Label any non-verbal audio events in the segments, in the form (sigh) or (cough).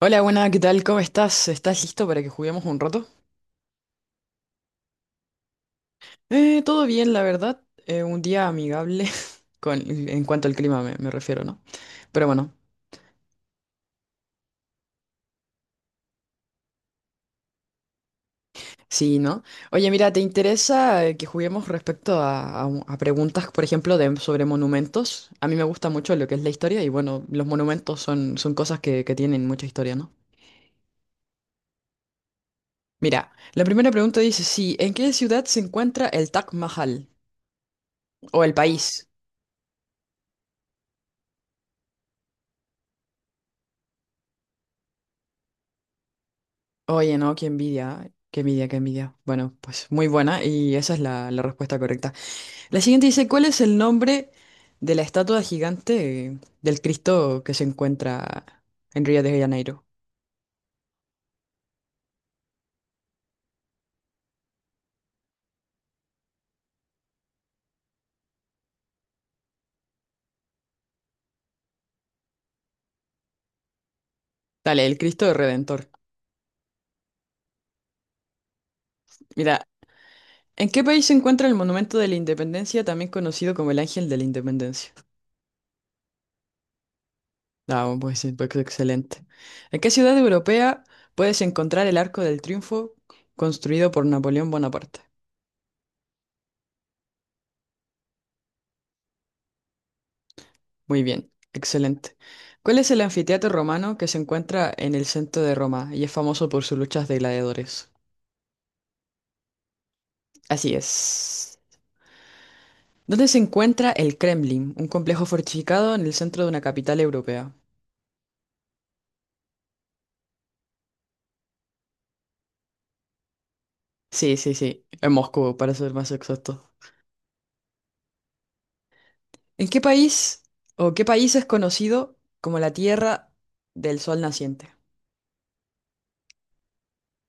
Hola, buena, ¿qué tal? ¿Cómo estás? ¿Estás listo para que juguemos un rato? Todo bien, la verdad. Un día amigable (laughs) con, en cuanto al clima me refiero, ¿no? Pero bueno, sí, ¿no? Oye, mira, ¿te interesa que juguemos respecto a preguntas, por ejemplo, de, sobre monumentos? A mí me gusta mucho lo que es la historia y bueno, los monumentos son cosas que tienen mucha historia, ¿no? Mira, la primera pregunta dice, sí, ¿en qué ciudad se encuentra el Taj Mahal? O el país. Oye, no, qué envidia, qué envidia, qué envidia. Bueno, pues muy buena y esa es la respuesta correcta. La siguiente dice, ¿cuál es el nombre de la estatua gigante del Cristo que se encuentra en Río de Janeiro? Dale, el Cristo Redentor. Mira, ¿en qué país se encuentra el Monumento de la Independencia, también conocido como el Ángel de la Independencia? Ah, bueno, pues sí, pues excelente. ¿En qué ciudad europea puedes encontrar el Arco del Triunfo construido por Napoleón Bonaparte? Muy bien, excelente. ¿Cuál es el anfiteatro romano que se encuentra en el centro de Roma y es famoso por sus luchas de gladiadores? Así es. ¿Dónde se encuentra el Kremlin, un complejo fortificado en el centro de una capital europea? Sí, sí, sí, en Moscú, para ser más exacto. ¿En qué país o qué país es conocido como la Tierra del Sol Naciente?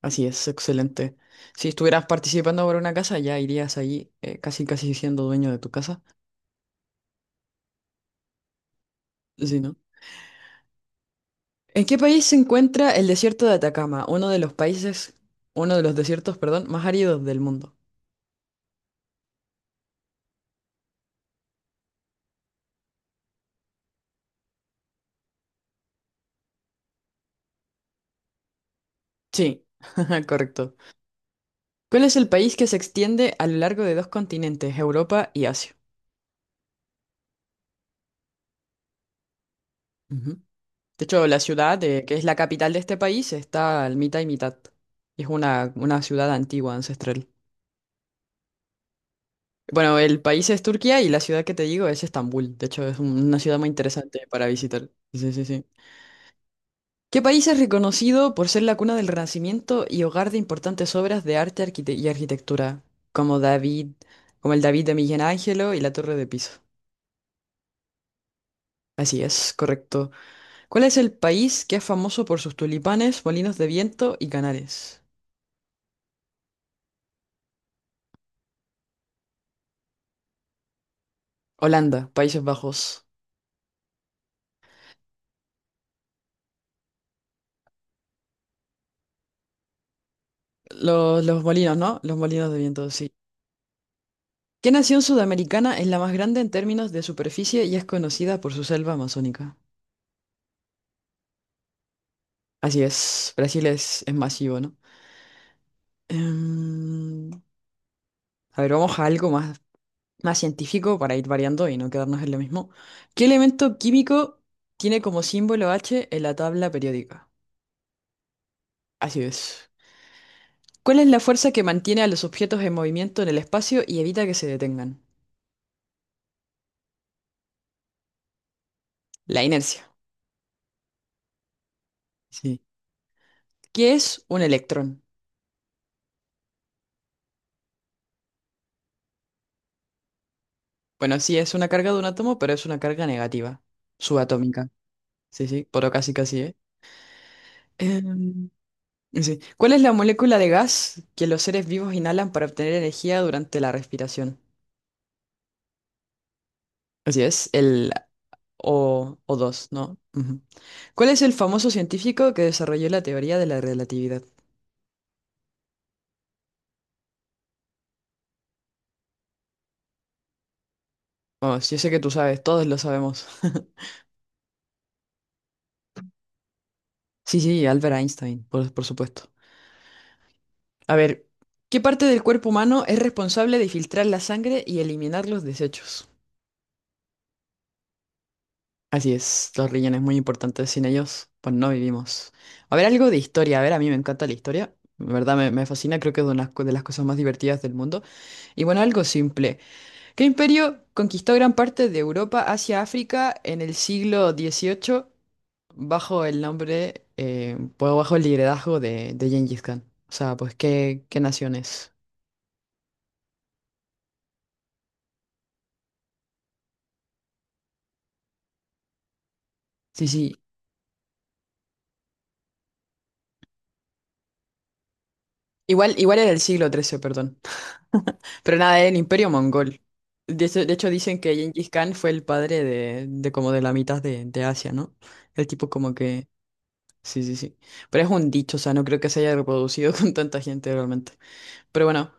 Así es, excelente. Si estuvieras participando por una casa, ya irías allí casi casi siendo dueño de tu casa. Sí, ¿no? ¿En qué país se encuentra el desierto de Atacama, uno de los países, uno de los desiertos, perdón, más áridos del mundo? Sí, (laughs) correcto. ¿Cuál es el país que se extiende a lo largo de dos continentes, Europa y Asia? Ujú. De hecho, la ciudad, que es la capital de este país, está al mitad y mitad. Es una ciudad antigua, ancestral. Bueno, el país es Turquía y la ciudad que te digo es Estambul. De hecho, es una ciudad muy interesante para visitar. Sí, sí, sí. ¿Qué país es reconocido por ser la cuna del Renacimiento y hogar de importantes obras de arte y arquitectura, como David, como el David de Miguel Ángelo y la Torre de Pisa? Así es, correcto. ¿Cuál es el país que es famoso por sus tulipanes, molinos de viento y canales? Holanda, Países Bajos. Los molinos, ¿no? Los molinos de viento, sí. ¿Qué nación sudamericana es la más grande en términos de superficie y es conocida por su selva amazónica? Así es, Brasil es masivo, ¿no? Em, A ver, vamos a algo más científico para ir variando y no quedarnos en lo mismo. ¿Qué elemento químico tiene como símbolo H en la tabla periódica? Así es. ¿Cuál es la fuerza que mantiene a los objetos en movimiento en el espacio y evita que se detengan? La inercia. Sí. ¿Qué es un electrón? Bueno, sí, es una carga de un átomo, pero es una carga negativa, subatómica. Sí, sí, pero casi casi, ¿eh? Em, sí. ¿Cuál es la molécula de gas que los seres vivos inhalan para obtener energía durante la respiración? Así es, el O2, ¿no? Ujú. ¿Cuál es el famoso científico que desarrolló la teoría de la relatividad? Vamos, yo sé que tú sabes, todos lo sabemos. (laughs) Sí, sí, Albert Einstein, por supuesto. A ver, ¿qué parte del cuerpo humano es responsable de filtrar la sangre y eliminar los desechos? Así es, los riñones muy importantes, sin ellos, pues no vivimos. A ver, algo de historia, a ver, a mí me encanta la historia, de verdad me fascina, creo que es una de las cosas más divertidas del mundo. Y bueno, algo simple. ¿Qué imperio conquistó gran parte de Europa, Asia, África en el siglo XVIII bajo el nombre, pues, bajo el liderazgo de Gengis Khan? O sea, pues, ¿qué naciones? Sí, sí. Igual era el siglo XIII, perdón. Pero nada, era el imperio mongol. De hecho, dicen que Gengis Khan fue el padre de como de la mitad de Asia, ¿no? El tipo como que. Sí, sí, sí. Pero es un dicho, o sea, no creo que se haya reproducido (laughs) con tanta gente realmente. Pero bueno.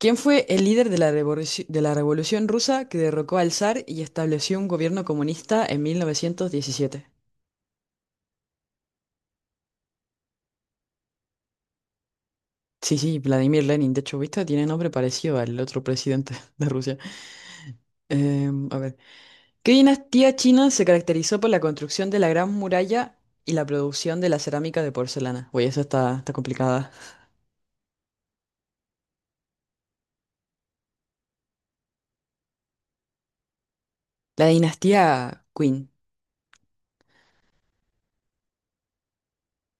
¿Quién fue el líder de la Revolución Rusa que derrocó al zar y estableció un gobierno comunista en 1917? Sí, sí, Vladimir Lenin. De hecho, ¿viste? Tiene nombre parecido al otro presidente (laughs) de Rusia. A ver. ¿Qué dinastía china se caracterizó por la construcción de la Gran Muralla y la producción de la cerámica de porcelana? Oye, esa está complicada. La dinastía Qin.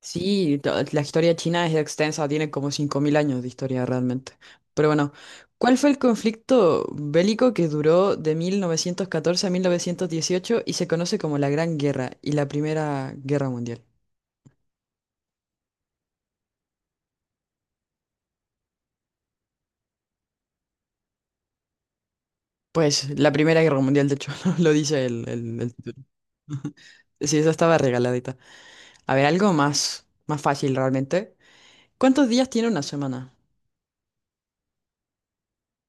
Sí, la historia china es extensa, tiene como 5.000 años de historia realmente. Pero bueno, ¿cuál fue el conflicto bélico que duró de 1914 a 1918 y se conoce como la Gran Guerra y la Primera Guerra Mundial? Pues la Primera Guerra Mundial, de hecho, (laughs) ¿no? Lo dice el título. Sí, esa estaba regaladita. A ver, algo más fácil realmente. ¿Cuántos días tiene una semana?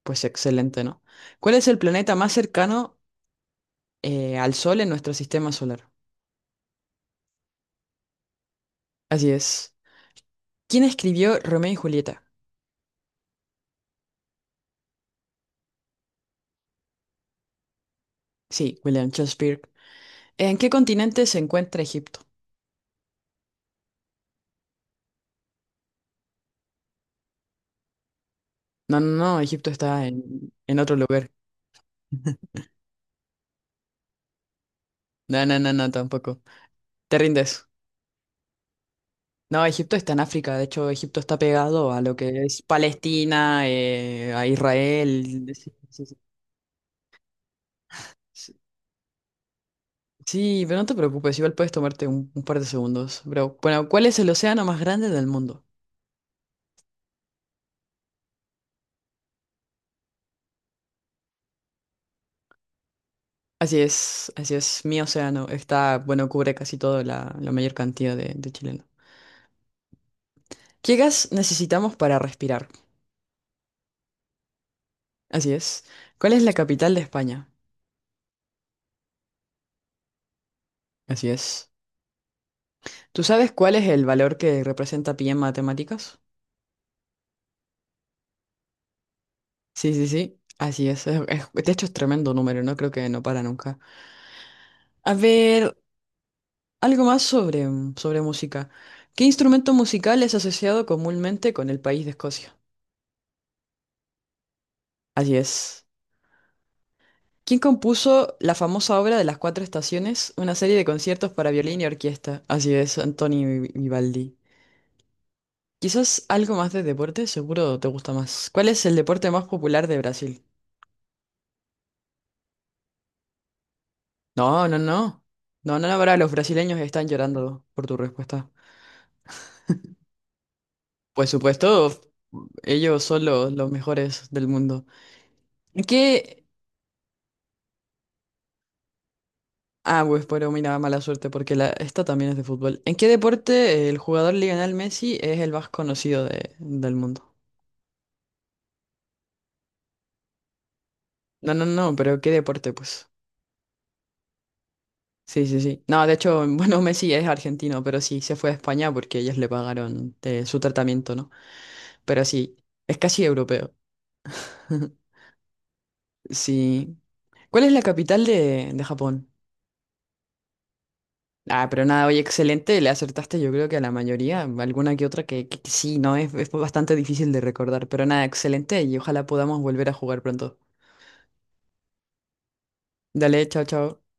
Pues excelente, ¿no? ¿Cuál es el planeta más cercano al Sol en nuestro sistema solar? Así es. ¿Quién escribió Romeo y Julieta? Sí, William Shakespeare. ¿En qué continente se encuentra Egipto? No, no, no, Egipto está en otro lugar. (laughs) No, no, no, no, tampoco. Te rindes. No, Egipto está en África. De hecho, Egipto está pegado a lo que es Palestina, a Israel. Sí, sí, sí. Sí, sí, pero no te preocupes, igual puedes tomarte un par de segundos. Pero, bueno, ¿cuál es el océano más grande del mundo? Así es, mi océano. Está, bueno, cubre casi toda la mayor cantidad de chilenos. ¿Qué gas necesitamos para respirar? Así es. ¿Cuál es la capital de España? Así es. ¿Tú sabes cuál es el valor que representa pi en matemáticas? Sí, sí, sí. Así es. De hecho, es tremendo número, ¿no? Creo que no para nunca. A ver, algo más sobre música. ¿Qué instrumento musical es asociado comúnmente con el país de Escocia? Así es. ¿Quién compuso la famosa obra de las cuatro estaciones, una serie de conciertos para violín y orquesta? Así es, Antoni Vivaldi. Quizás algo más de deporte, seguro te gusta más. ¿Cuál es el deporte más popular de Brasil? No, no, no. No, no, no, ahora los brasileños están llorando por tu respuesta. Pues supuesto, ellos son los mejores del mundo. ¿En qué? Ah, pues pero mira, mala suerte porque esta también es de fútbol. ¿En qué deporte el jugador Lionel Messi es el más conocido del mundo? No, no, no, pero ¿qué deporte, pues? Sí, sí, sí. No, de hecho, (laughs) bueno, Messi es argentino, pero sí, se fue a España porque ellos le pagaron su tratamiento, ¿no? Pero sí, es casi europeo. (laughs) Sí. ¿Cuál es la capital de Japón? Ah, pero nada, oye, excelente, le acertaste yo creo que a la mayoría, alguna que otra que sí, ¿no? Es bastante difícil de recordar, pero nada, excelente y ojalá podamos volver a jugar pronto. Dale, chao, chao.